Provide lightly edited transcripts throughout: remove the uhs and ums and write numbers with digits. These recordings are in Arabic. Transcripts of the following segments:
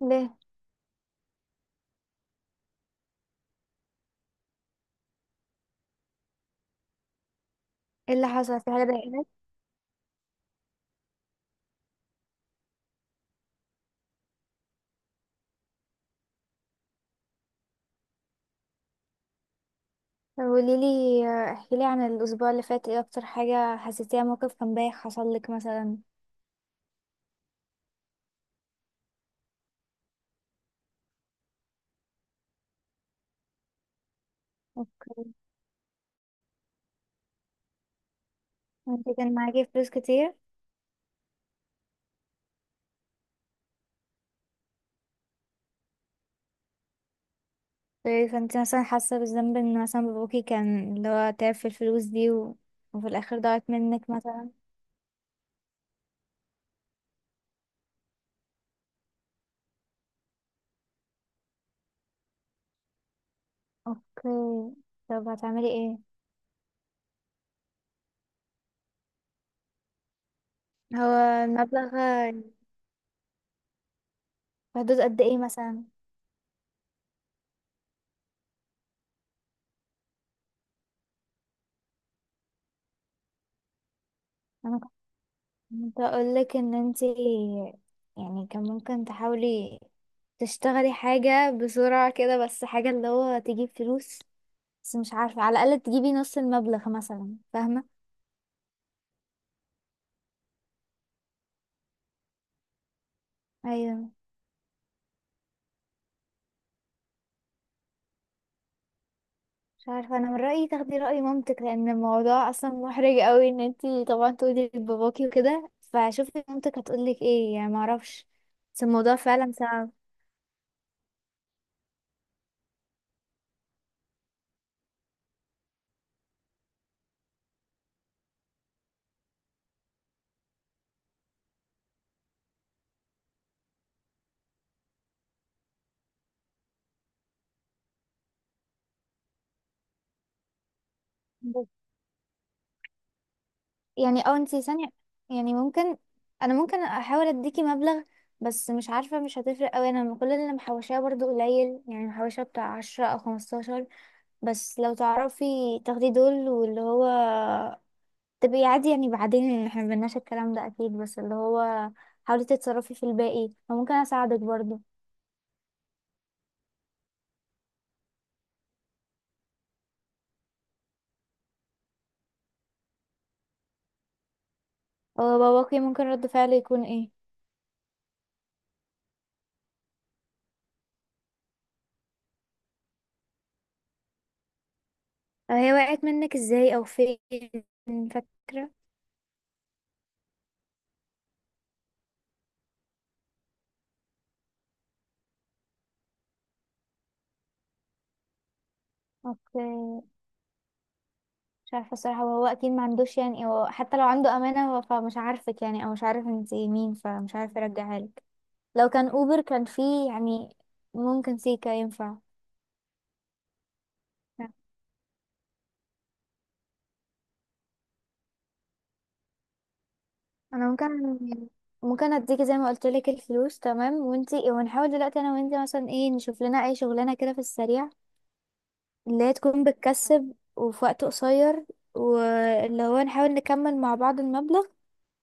ليه؟ ايه اللي حصل؟ في حاجة ضايقتك؟ قولي لي، احكي لي عن الاسبوع اللي فات. ايه اكتر حاجة حسيتيها؟ موقف كان بايخ حصل لك مثلا؟ انت كان معاكي فلوس كتير؟ فانت مثلا حاسة بالذنب ان مثلا باباكي كان اللي هو تعب في الفلوس دي و... وفي الاخر ضاعت منك مثلا. اوكي، طب هتعملي ايه؟ هو المبلغ في حدود قد ايه مثلا؟ انا كنت اقول لك ان انت يعني كان ممكن تحاولي تشتغلي حاجة بسرعة كده، بس حاجة اللي هو تجيب فلوس، بس مش عارفة، على الأقل تجيبي نص المبلغ مثلا، فاهمة؟ أيوة، مش عارفة، أنا من رأيي تاخدي رأي مامتك، لأن الموضوع أصلا محرج قوي إن انتي طبعا تقولي لباباكي وكده، فشوفي مامتك هتقولك ايه، يعني معرفش، بس الموضوع فعلا صعب. يعني اه انتي ثانية، يعني ممكن انا ممكن احاول اديكي مبلغ، بس مش عارفة مش هتفرق اوي، انا كل اللي محوشاه برضو قليل، يعني محوشة بتاع عشرة او خمستاشر، بس لو تعرفي تاخدي دول واللي هو تبقي عادي يعني بعدين، يعني احنا مبناش الكلام ده اكيد، بس اللي هو حاولي تتصرفي في الباقي وممكن اساعدك برضو. هو باباكي ممكن رد فعله يكون ايه؟ أو هي وقعت منك ازاي او فين؟ فاكرة؟ اوكي، مش عارفه الصراحه، وهو اكيد ما عندوش، يعني هو حتى لو عنده امانه هو فمش عارفك يعني، او مش عارف انت مين، فمش عارف يرجعها لك. لو كان اوبر كان فيه يعني ممكن سيكا ينفع. لا، انا ممكن اديكي زي ما قلت لك الفلوس. تمام، وانتي ونحاول دلوقتي انا وانتي مثلا ايه، نشوف لنا اي شغلانه كده في السريع، اللي هي تكون بتكسب وفي وقت قصير، واللي هو نحاول نكمل مع بعض المبلغ.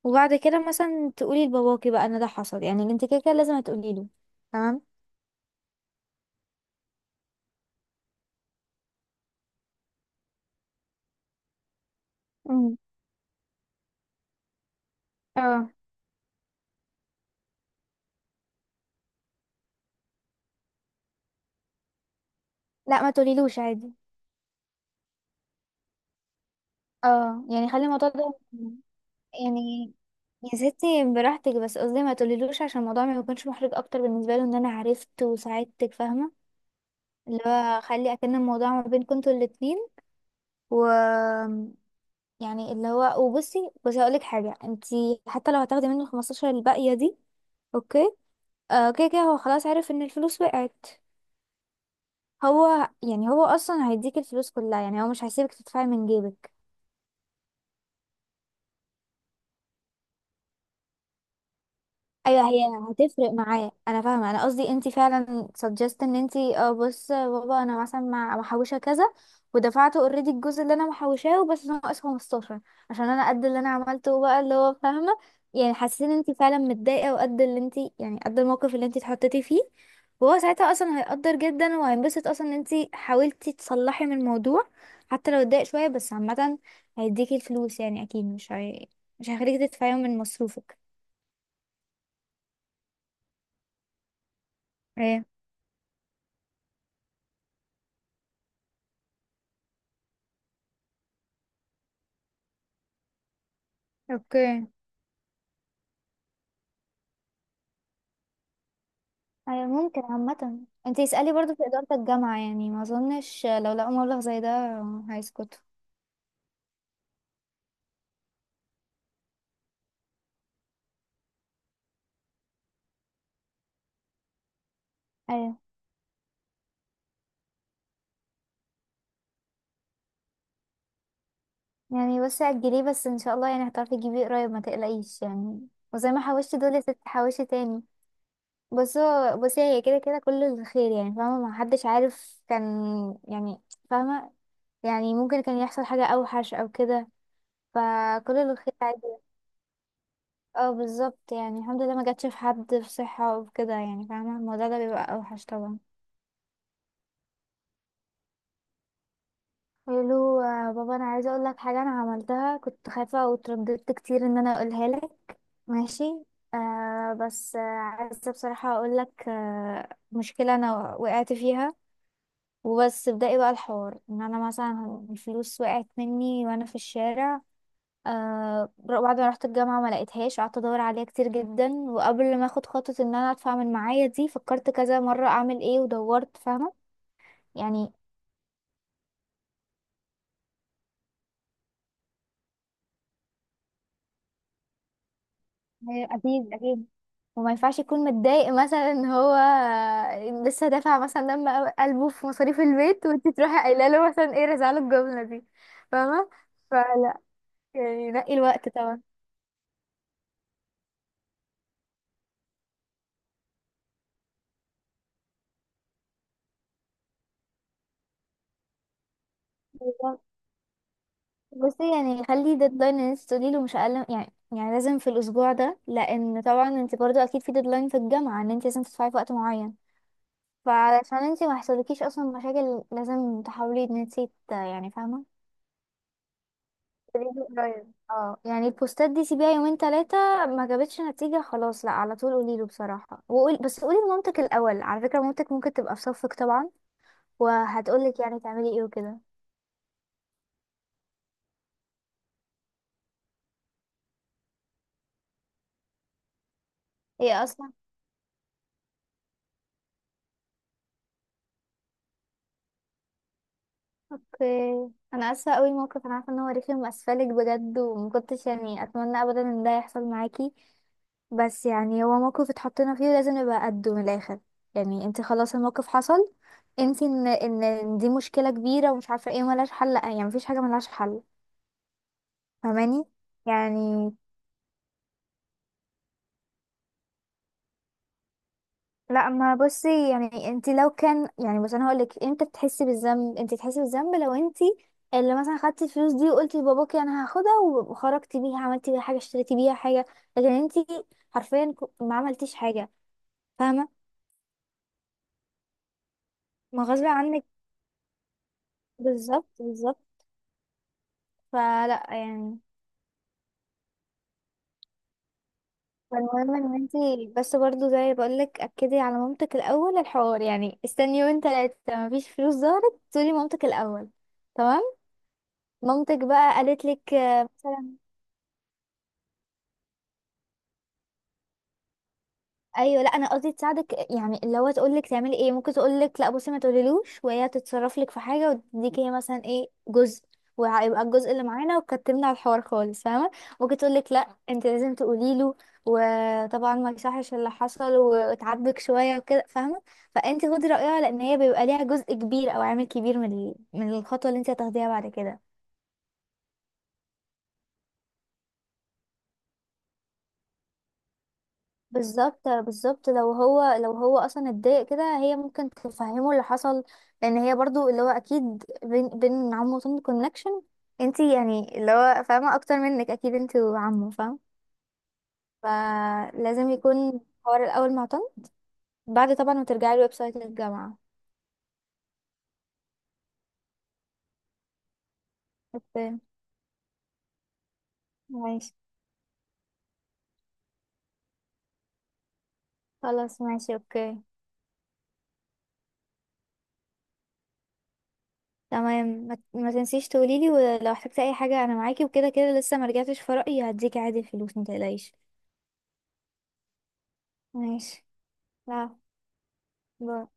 وبعد كده مثلا تقولي لباباكي بقى ان ده حصل، يعني انت كده كده لازم هتقولي له. تمام، اه. لا ما تقوليلوش عادي، اه يعني خلي الموضوع ده، يعني يا ستي براحتك، بس قصدي ما تقوليلوش عشان الموضوع ما يكونش محرج اكتر بالنسبه له ان انا عرفت وساعدتك، فاهمه؟ اللي هو خلي اكن الموضوع ما بينكم انتوا الاتنين، و يعني اللي هو، وبصي بصي هقولك حاجه، انتي حتى لو هتاخدي منه 15 الباقيه دي، اوكي، آه كده كده هو خلاص عرف ان الفلوس وقعت. هو يعني هو اصلا هيديك الفلوس كلها، يعني هو مش هيسيبك تدفعي من جيبك. ايوه، هي هتفرق معاه، انا فاهمه، انا قصدي انت فعلا سجست ان انت اه بص يا بابا انا مثلا مع محوشه كذا، ودفعته اوريدي الجزء اللي انا محوشاه بس ناقص 15، عشان انا قد اللي انا عملته بقى اللي هو فاهمه، يعني حسيت ان انت فعلا متضايقه، وقد اللي انت يعني قد الموقف اللي انت اتحطيتي فيه. وهو ساعتها اصلا هيقدر جدا، وهينبسط اصلا ان انت حاولتي تصلحي من الموضوع، حتى لو اتضايق شويه بس عامه هيديكي الفلوس، يعني اكيد مش هيخليكي تدفعيهم من مصروفك. ايه؟ اوكي، أيوة ممكن عامة، انتي اسألي برضو في إدارة الجامعة، يعني ما أظنش لو لقوا مبلغ زي ده هيسكتوا. أيوة، يعني بس أجليه بس إن شاء الله يعني هتعرفي تجيبيه قريب، ما تقلقيش يعني، وزي ما حوشتي دول يا ستي حوشي تاني. بصي هي كده كده كله الخير، يعني فاهمة؟ ما حدش عارف كان يعني، فاهمة؟ يعني ممكن كان يحصل حاجة أوحش أو كده، فكل الخير عادي. اه بالظبط، يعني الحمد لله ما جاتش في حد في صحة وكده، يعني فاهمة؟ الموضوع ده بيبقى أوحش طبعا. الو آه، بابا انا عايزه اقول لك حاجه انا عملتها، كنت خايفه وترددت كتير ان انا اقولها لك. ماشي، آه بس آه عايزه بصراحه اقول لك آه مشكله انا وقعت فيها. وبس ابدأي بقى الحوار ان انا مثلا الفلوس وقعت مني وانا في الشارع، آه بعد ما رحت الجامعه ما لقيتهاش، قعدت ادور عليها كتير جدا، وقبل ما اخد خطوه ان انا ادفع من معايا دي فكرت كذا مره اعمل ايه ودورت، فاهمه؟ يعني أيوة، أكيد أكيد. وما ينفعش يكون متضايق مثلا ان هو لسه دافع مثلا دم قلبه في مصاريف البيت، وانت تروحي قايله له مثلا ايه، رزعله الجمله دي، فاهمه؟ فلا، يعني نقي الوقت طبعا. بالظبط. بصي، يعني خلي ديدلاين ان انت تقولي له مش اقل يعني، يعني لازم في الاسبوع ده، لان طبعا انت برضو اكيد في ديدلاين في الجامعه ان انت لازم تدفعي في وقت معين، فعلشان انت ما يحصلكيش اصلا مشاكل لازم تحاولي ان انت يعني فاهمه؟ ريلي قريب اه، يعني البوستات دي سيبيها يومين تلاتة، ما جابتش نتيجة خلاص لا على طول قوليله بصراحة، وقول بس قولي لمامتك الأول، على فكرة مامتك ممكن تبقى في صفك طبعا، وهتقولك يعني تعملي ايه وكده. هي اصلا اوكي. انا اسفة قوي، الموقف انا عارفة ان هو رخم، اسفلك بجد، ومكنتش يعني اتمنى ابدا ان ده يحصل معاكي، بس يعني هو موقف اتحطينا فيه لازم نبقى قده من الاخر، يعني انت خلاص الموقف حصل، انت ان ان إن دي مشكلة كبيرة ومش عارفة ايه ملهاش حل، لا يعني مفيش حاجة ملهاش حل، فاهماني؟ يعني لا ما بصي، يعني انت لو كان يعني، بس انا هقولك امتى بتحسي بالذنب، انت تحسي بالذنب لو انت اللي مثلا خدتي الفلوس دي وقلتي لباباكي انا هاخدها، وخرجتي بيها عملتي بيها حاجه، اشتريتي بيها حاجه، لكن انت حرفيا ما عملتيش حاجه، فاهمه؟ ما غصب عنك، بالظبط بالظبط. فلا يعني، فالمهم ان انت، بس برضو زي ما بقولك اكدي على مامتك الاول الحوار، يعني استني يومين تلاتة، مفيش فلوس ظهرت تقولي مامتك الاول، تمام؟ مامتك بقى قالت لك آه، مثلا. ايوه لا انا قصدي تساعدك، يعني اللي هو تقول لك تعملي ايه، ممكن تقول لك لا بصي ما تقوليلوش، وهي تتصرف لك في حاجه وتديك هي مثلا ايه جزء، وهيبقى الجزء اللي معانا وكتمنا على الحوار خالص، فاهمه؟ ممكن تقول لك لا انت لازم تقولي له، وطبعا ما يصحش اللي حصل وتعاتبك شويه وكده، فاهمه؟ فانت خدي رايها، لان هي بيبقى ليها جزء كبير او عامل كبير من من الخطوه اللي انت هتاخديها بعد كده. بالظبط بالظبط، لو هو لو هو اصلا اتضايق كده هي ممكن تفهمه اللي حصل، لان هي برضو اللي هو اكيد بين بين عمه وطن كونكشن، انتي يعني اللي هو فاهمه اكتر منك اكيد انتي وعمه، فاهم؟ فلازم يكون حوار الاول مع طن، بعد طبعا ما ترجعي الويب سايت للجامعه. اوكي، ماشي، خلاص ماشي اوكي، تمام. ما تنسيش تقوليلي، ولو احتجتي اي حاجه انا معاكي، وكده كده لسه ما رجعتش في رايي، هديكي عادي الفلوس ما تقلقيش. ماشي. لا، باي.